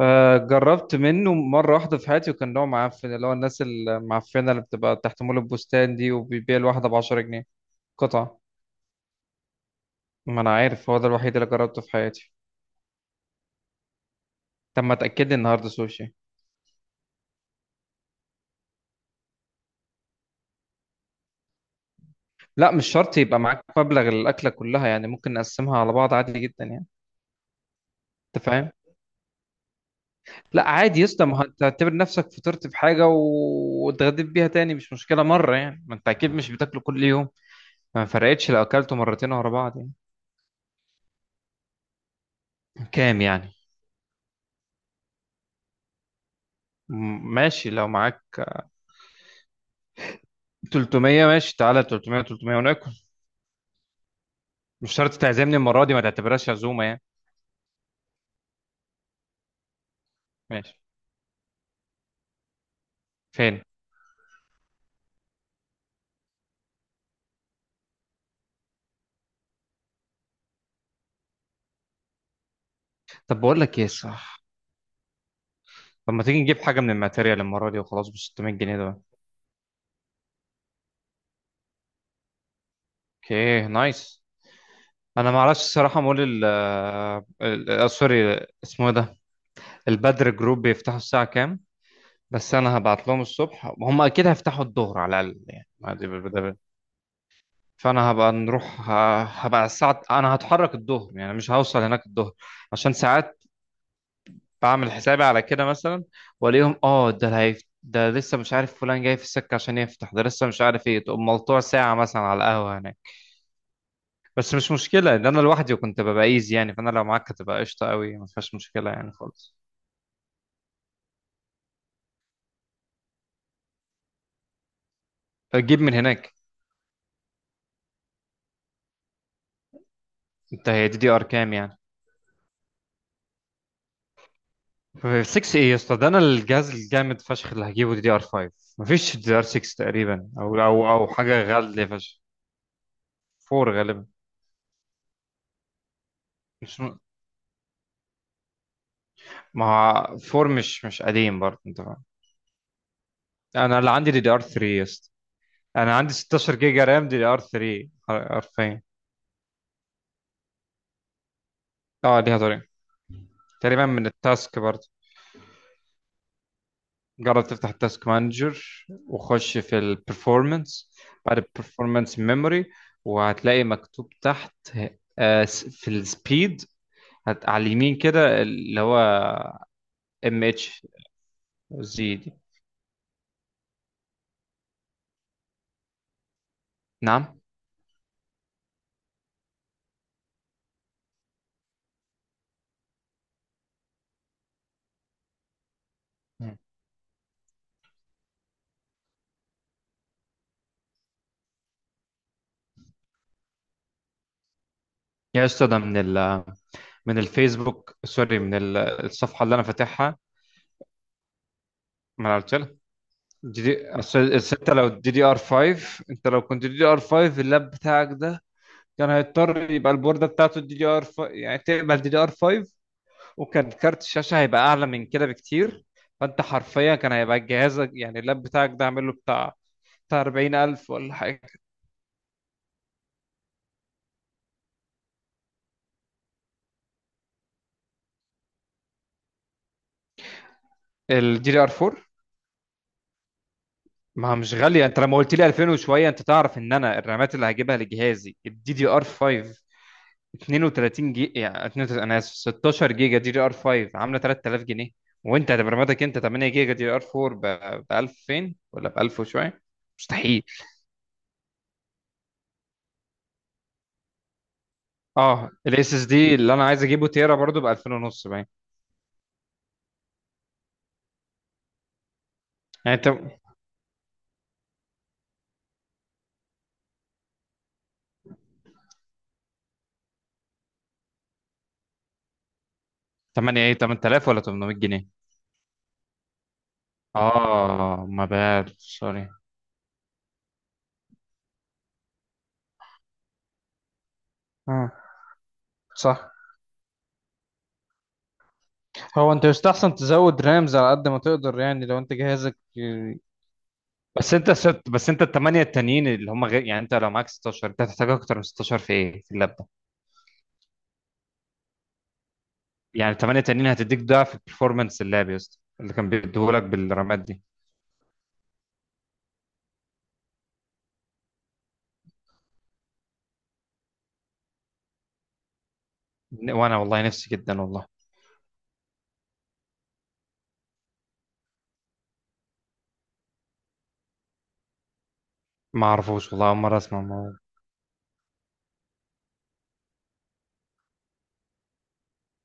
آه، جربت منه مرة واحدة في حياتي وكان نوع معفن اللي هو الناس المعفنة اللي بتبقى تحت مول البستان دي وبيبيع الواحدة بـ10 جنيه قطعة. ما أنا عارف هو ده الوحيد اللي جربته في حياتي. طب ما تأكد لي النهاردة سوشي. لا، مش شرط يبقى معاك مبلغ الأكلة كلها يعني، ممكن نقسمها على بعض عادي جدا يعني. أنت فاهم؟ لا عادي يا اسطى، ما أنت تعتبر نفسك فطرت في حاجة واتغديت بيها تاني، مش مشكلة مرة يعني، ما أنت أكيد مش بتاكله كل يوم. ما فرقتش لو أكلته مرتين ورا بعض يعني. كام يعني؟ ماشي لو معاك 300. ماشي تعالى 300 300 وناكل. مش شرط تعزمني المرة دي، ما تعتبرهاش عزومة يعني. ماشي. فين؟ طب بقول لك ايه، صح؟ طب ما تيجي نجيب حاجة من الماتيريال المرة دي وخلاص ب 600 جنيه ده. اوكي نايس. انا ما اعرفش الصراحة مول ال سوري اسمه إيه ده؟ البدر جروب بيفتحوا الساعة كام؟ بس انا هبعت لهم الصبح، هم اكيد هيفتحوا الظهر على الاقل يعني، ما دي فانا هبقى نروح هبقى الساعة، انا هتحرك الظهر يعني مش هوصل هناك الظهر. عشان ساعات بعمل حسابي على كده مثلا. والاقيهم اه ده اللي هيف... ده لسه مش عارف فلان جاي في السكه عشان يفتح، ده لسه مش عارف ايه، تقوم ملطوع ساعه مثلا على القهوه هناك. بس مش مشكله ان انا لوحدي وكنت ببقى ايزي يعني، فانا لو معاك هتبقى قشطه قوي، ما فيهاش مشكله يعني خالص. فتجيب من هناك. انت هي دي دي ار كام يعني؟ 6 ايه يا اسطى؟ ده انا الجهاز الجامد فشخ اللي هجيبه دي دي ار 5. مفيش دي دي ار 6 تقريبا، او حاجه غاليه فشخ. 4 غالبا. مش، ما هو 4 مش قديم برضه، انت فاهم. انا اللي عندي دي دي ار 3. انا عندي 16 جيجا رام دي ار 3 حرفيا. اه ليها طريقه. تقريبا من التاسك برضه. جرب تفتح التاسك مانجر وخش في البرفورمانس. بعد البرفورمانس ميموري وهتلاقي مكتوب تحت آه، في السبيد. على اليمين كده اللي هو ام اتش. زي دي. نعم. مم. يا استاذ ده من الفيسبوك، سوري، الصفحه اللي انا فاتحها. ما أنا قلت لك. جي دي، أصل الستة لو دي دي ار 5، انت لو كنت دي دي ار 5 اللاب بتاعك ده كان هيضطر يبقى البوردة بتاعته دي دي ار 5 يعني تقبل دي دي ار 5، وكان كارت الشاشة هيبقى أعلى من كده بكتير. فأنت حرفيا كان هيبقى جهازك يعني اللاب بتاعك ده عامل له بتاع 40,000 ولا حاجة. الدي دي ار 4. ما هو مش غالية، انت لما قلت لي 2000 وشوية، انت تعرف ان انا الرامات اللي هجيبها لجهازي الدي دي ار 5 32 جيجا، يعني 32 انا اسف 16 جيجا دي دي ار 5 عامله 3000 جنيه. وانت هتبرمجك انت 8 جيجا دي دي ار 4 ب 2000 ولا ب 1000 وشويه. مستحيل. اه الاس اس دي اللي انا عايز اجيبه تيرا برضو ب 2000 ونص باين. يعني انت 8 ايه، 8000 ولا 800 جنيه؟ اه، ما بال سوري. اه. صح. هو انت يستحسن تزود رامز على قد ما تقدر يعني، لو انت جهازك. بس انت الثمانيه التانيين اللي هم غير يعني، انت لو معاك 16 انت هتحتاج اكتر من 16 في ايه، في اللاب. يعني الثمانية التانيين هتديك ضعف البرفورمانس اللعب يا اسطى اللي كان بيديهولك بالرمات دي. وانا والله نفسي جدا والله. ما اعرفوش والله، اول مرة اسمع الموضوع.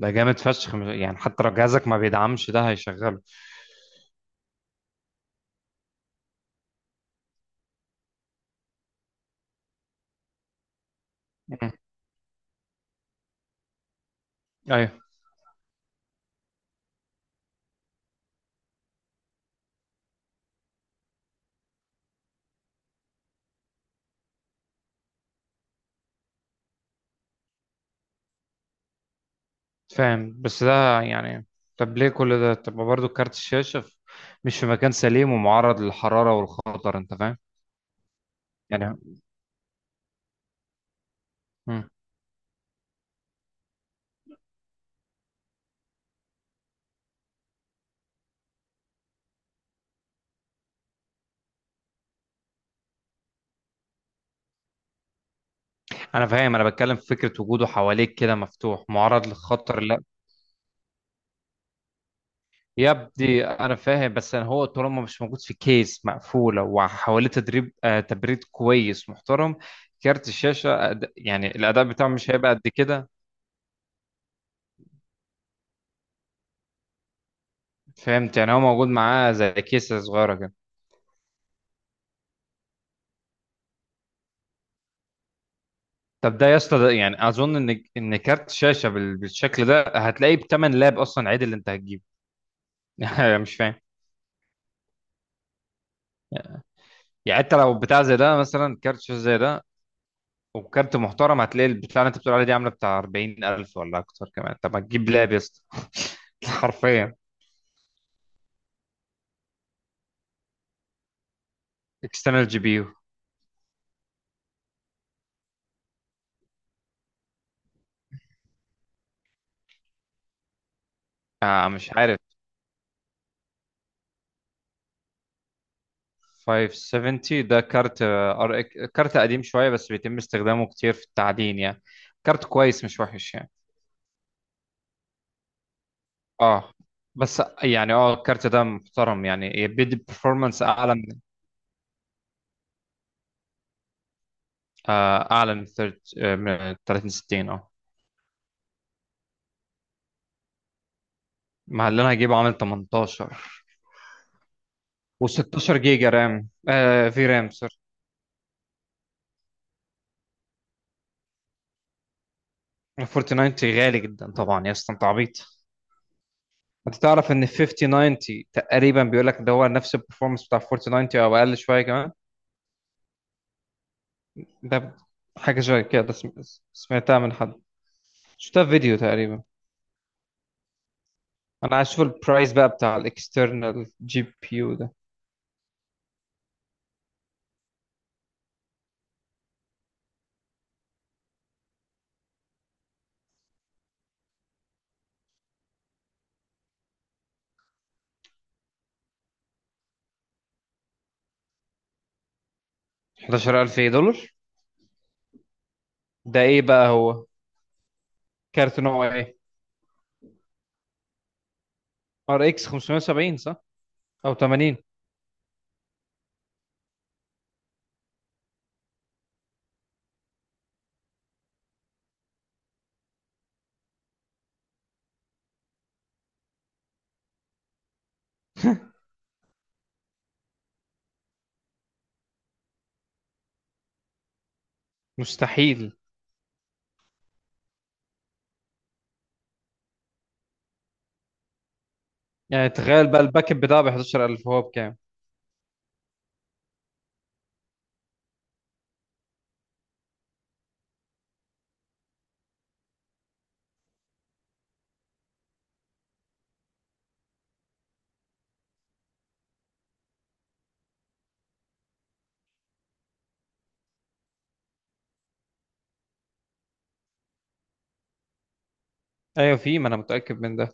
ده جامد فشخ يعني حتى لو جهازك ما بيدعمش ده هيشغله. مم. ايوه. فاهم بس ده يعني. طب ليه كل ده؟ طب برضه كارت الشاشة مش في مكان سليم ومعرض للحرارة والخطر، انت فاهم؟ يعني. مم. انا فاهم، انا بتكلم في فكرة وجوده حواليك كده مفتوح معرض للخطر. يبدي انا فاهم، بس انا هو طالما مش موجود في كيس مقفوله وحواليه تدريب آه تبريد كويس محترم، كارت الشاشه أد... يعني الاداء بتاعه مش هيبقى قد كده. فهمت، يعني هو موجود معاه زي كيسه صغيره كده. طب ده يا اسطى، ده يعني اظن ان كارت شاشه بال... بالشكل ده هتلاقيه بتمن لاب اصلا عادي اللي انت هتجيبه. مش فاهم. يعني انت لو بتاع زي ده مثلا، كارت شاشه زي ده وكارت محترم، هتلاقي البتاع اللي انت بتقول عليه دي عامله بتاع 40,000 ولا اكتر كمان. طب ما تجيب لاب يا اسطى. حرفيا. اكسترنال جي بي يو. مش عارف. 570 ده كارت، كارت قديم شويه بس بيتم استخدامه كتير في التعدين يعني. كارت كويس مش وحش يعني. اه. بس يعني الكارت ده محترم يعني بيدي برفورمانس اعلى من، اعلى من 30، 60. اه، مع اللي انا هجيبه عامل 18. و16 جيجا رام، في رام سوري. 4090 غالي جدا طبعا يا اسطى، انت عبيط. انت تعرف ان 5090 تقريبا بيقول لك ده هو نفس البرفورمانس بتاع 4090 او اقل شويه كمان. ده حاجه شويه كده سمعتها من حد. شفتها في فيديو تقريبا. انا عايز اشوف البرايس بقى بتاع الاكسترنال جي بي يو ده. 11,000 ايه، دولار؟ ده ايه بقى هو؟ كارت نوع ايه؟ ار اكس 570 صح، او 80؟ مستحيل. يعني تخيل بقى الباك اب بتاعه ب 11,000، هو بكام؟ ايوه، في، ما انا متاكد من ده.